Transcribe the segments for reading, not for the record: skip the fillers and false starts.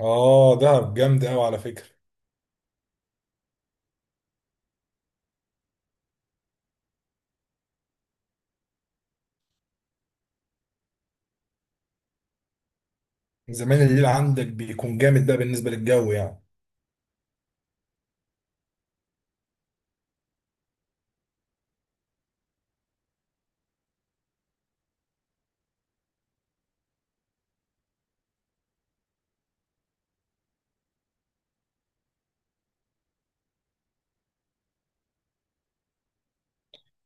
اه، دهب جامد قوي على فكره. زمان الليل عندك بيكون جامد، ده بالنسبه للجو يعني.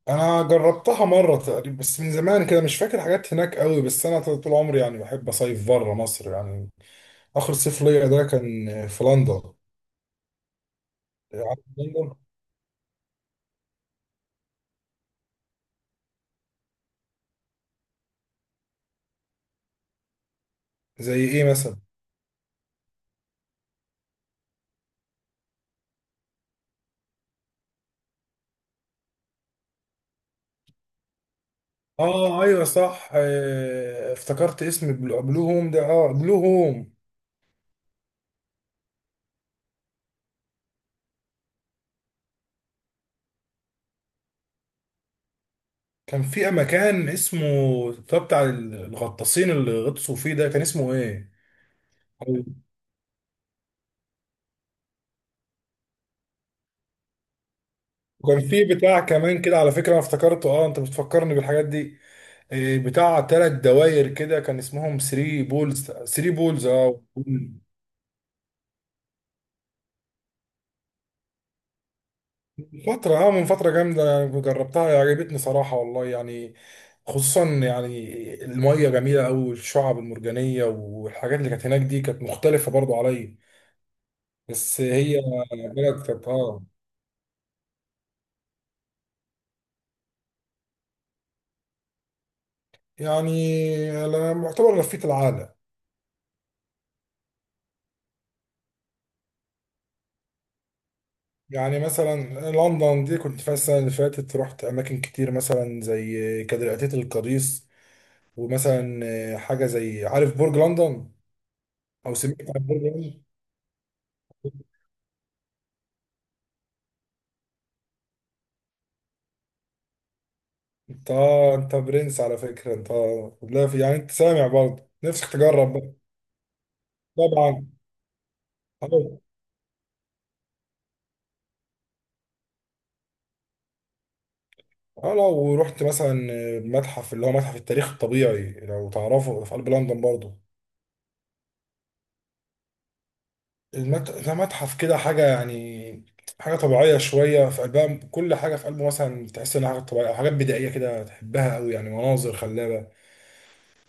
انا جربتها مره تقريبا بس من زمان كده، مش فاكر حاجات هناك قوي، بس انا طول عمري يعني بحب اصيف بره مصر يعني. اخر صيف ليا ده كان في لندن. عارف لندن؟ زي ايه مثلا؟ اه ايوه صح، افتكرت اسم بلو هوم ده. اه بلو هوم. كان في مكان اسمه، ده بتاع الغطاسين اللي غطسوا فيه ده، كان اسمه ايه؟ وكان في بتاع كمان كده على فكرة، انا افتكرته. اه، انت بتفكرني بالحاجات دي. بتاع 3 دواير كده كان اسمهم 3 بولز. 3 بولز. اه، من فترة جامدة، أنا جربتها عجبتني صراحة والله يعني. خصوصا يعني المية جميلة أوي، والشعب المرجانية والحاجات اللي كانت هناك دي كانت مختلفة برضو عليا. بس هي بلد كانت، اه، يعني أنا معتبر لفيت العالم. يعني مثلا لندن دي كنت فيها السنة اللي فاتت، رحت أماكن كتير مثلا زي كاتدرائية القديس، ومثلا حاجة زي، عارف برج لندن؟ أو سمعت عن برج لندن؟ أنت، أنت برنس على فكرة أنت. لا في يعني، أنت سامع برضه نفسك تجرب بقى. طبعا. أه. لو ورحت مثلا متحف، اللي هو متحف التاريخ الطبيعي لو تعرفه في قلب لندن برضه. ده متحف كده حاجة يعني، حاجة طبيعية شوية في قلبها، كل حاجة في قلبه مثلا تحس إنها حاجة طبيعية أو حاجات بدائية كده تحبها أوي، يعني مناظر خلابة.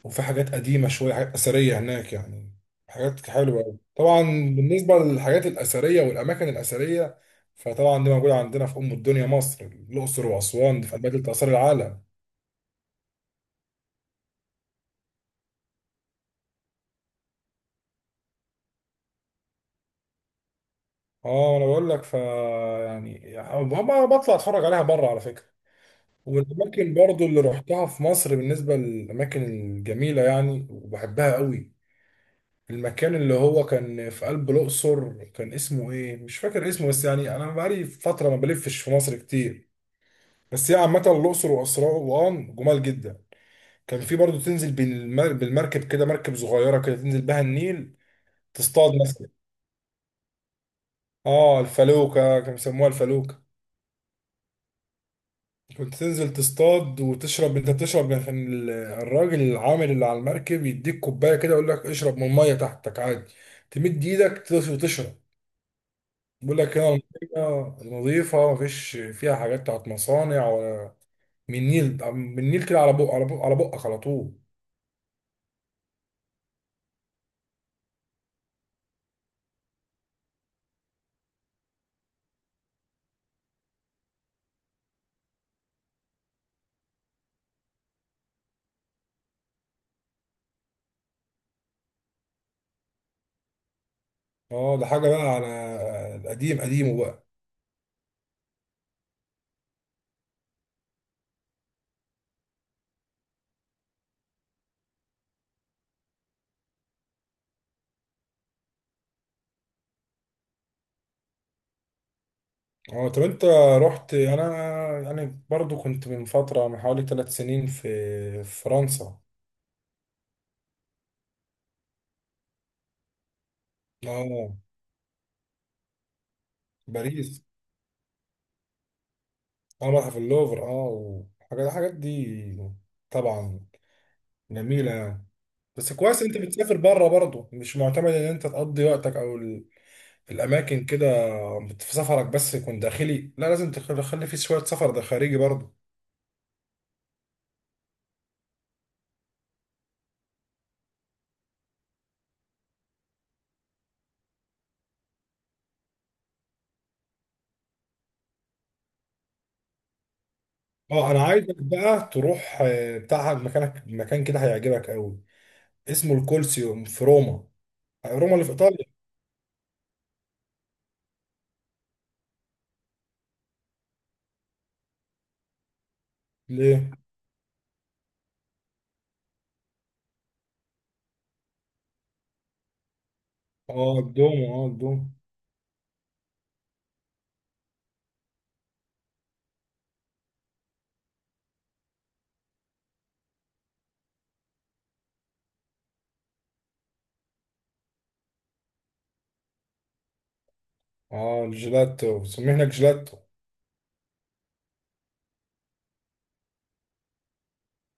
وفي حاجات قديمة شوية، حاجات أثرية هناك يعني. حاجات حلوة أوي، طبعا بالنسبة للحاجات الأثرية والأماكن الأثرية. فطبعا دي موجودة عندنا في أم الدنيا مصر. الأقصر وأسوان دي في قلبها تلت آثار العالم. اه انا بقول لك، ف يعني يعني بطلع اتفرج عليها بره على فكره. والأماكن برضو اللي روحتها في مصر بالنسبة للأماكن الجميلة يعني وبحبها قوي، المكان اللي هو كان في قلب الأقصر كان اسمه إيه؟ مش فاكر اسمه، بس يعني أنا بقالي فترة ما بلفش في مصر كتير. بس هي عامة الأقصر وأسوان جمال جدا. كان في برضو تنزل بالمركب كده، مركب صغيرة كده تنزل بها النيل، تصطاد مثلا. آه الفلوكة، كانوا بيسموها الفلوكة. كنت تنزل تصطاد وتشرب، انت بتشرب يعني، كان الراجل العامل اللي على المركب يديك كوبايه كده يقول لك اشرب من الميه تحتك عادي، تمد ايدك تدوس وتشرب. يقول لك هنا الميه نظيفه مفيش فيها حاجات بتاعت مصانع ولا، من النيل، من النيل كده على بقك على طول. اه ده حاجه بقى على القديم، قديمه بقى. اه طب، انت رحت يعني؟ انا يعني برضو كنت من فتره، من حوالي 3 سنين، في في فرنسا. اه. باريس. اه، متحف اللوفر. اه، والحاجات، الحاجات دي طبعا جميلة يعني. بس كويس انت بتسافر بره برضه، مش معتمد ان انت تقضي وقتك او في الاماكن كده في سفرك، بس يكون داخلي. لا لازم تخلي فيه شوية سفر ده خارجي برضه. اه انا عايزك بقى تروح، بتاع مكانك، مكان كده هيعجبك قوي اسمه الكولسيوم في روما. روما اللي في ايطاليا. ليه؟ اه الدومو. اه الدومو. اه الجيلاتو، بيسموه هناك جيلاتو.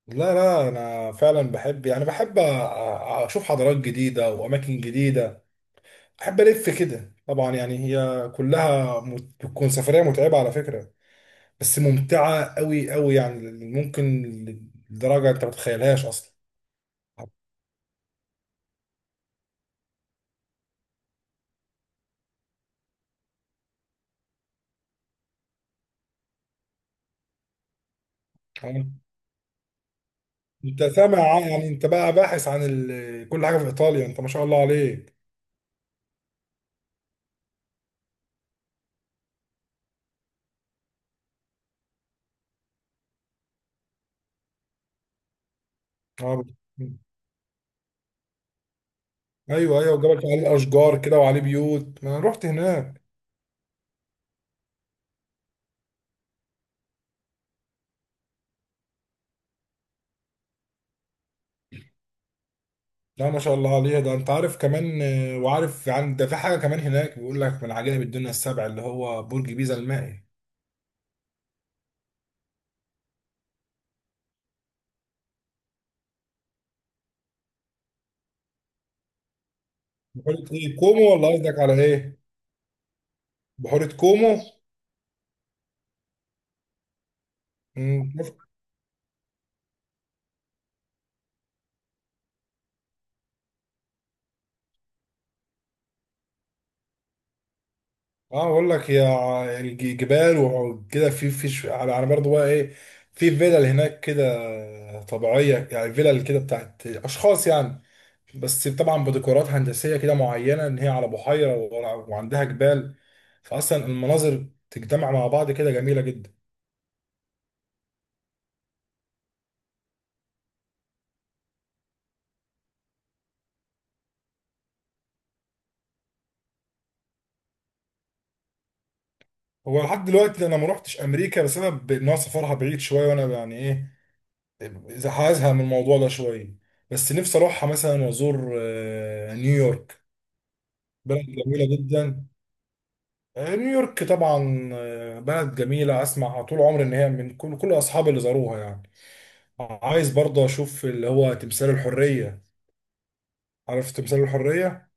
لا لا انا فعلا بحب يعني، بحب اشوف حضارات جديده واماكن جديده. بحب الف كده طبعا يعني، هي كلها بتكون سفريه متعبه على فكره، بس ممتعه قوي قوي يعني. ممكن لدرجه انت ما تتخيلهاش اصلا. تمام؟ انت يعني انت بقى باحث عن كل حاجه في ايطاليا، انت ما شاء الله عليك. آه. ايوه ايوه، وجبل عليه اشجار كده وعليه بيوت، ما انا رحت هناك. لا ما شاء الله عليها. ده انت عارف كمان، وعارف عن ده، في حاجه كمان هناك بيقول لك من عجائب الدنيا السبع، اللي هو برج بيزا المائل. بحيره ايه؟ كومو؟ ولا قصدك على ايه؟ بحيره كومو. مم، شفت؟ اه بقول لك جبال وكده، في في على على برضه بقى ايه، في فيلل هناك كده طبيعيه، يعني فيلل كده بتاعت اشخاص يعني، بس طبعا بديكورات هندسيه كده معينه، ان هي على بحيره وعندها جبال، فاصلا المناظر تجتمع مع بعض كده جميله جدا. هو لحد دلوقتي انا ما روحتش امريكا بسبب ان هو سفرها بعيد شويه، وانا يعني ايه، إذا هزهق من الموضوع ده شويه. بس نفسي اروحها مثلا وازور، نيويورك، بلد جميله جدا. نيويورك طبعا، بلد جميله، اسمع طول عمري ان هي من كل اصحابي اللي زاروها يعني. عايز برضه اشوف اللي هو تمثال الحريه. عارف تمثال الحريه.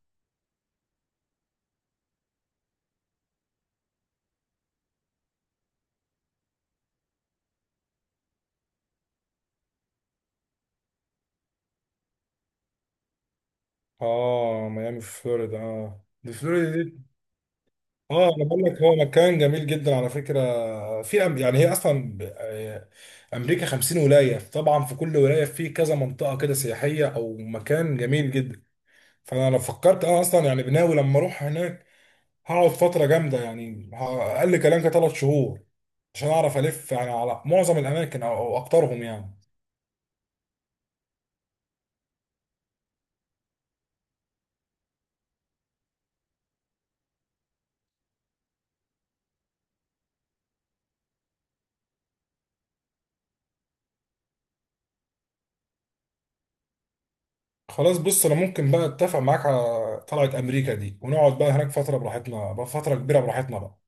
اه ميامي في فلوريدا، اه دي فلوريدا. اه انا بقول لك هو مكان جميل جدا على فكره. في يعني هي اصلا امريكا 50 ولايه طبعا، في كل ولايه في كذا منطقه كده سياحيه او مكان جميل جدا. فانا لو فكرت، انا اصلا يعني بناوي لما اروح هناك هقعد فتره جامده يعني، اقل كلام كده 3 شهور، عشان اعرف الف يعني على معظم الاماكن او اكترهم يعني. خلاص بص، انا ممكن بقى اتفق معاك على طلعه امريكا دي، ونقعد بقى هناك فتره براحتنا بقى، فتره كبيره براحتنا بقى.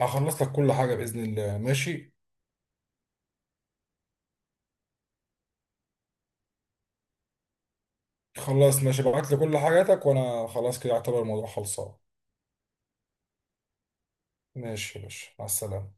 هخلص لك كل حاجه باذن الله، ماشي. خلاص ماشي، ابعت لي كل حاجاتك وانا خلاص كده اعتبر الموضوع خلصان. ماشي يا باشا، مع السلامة.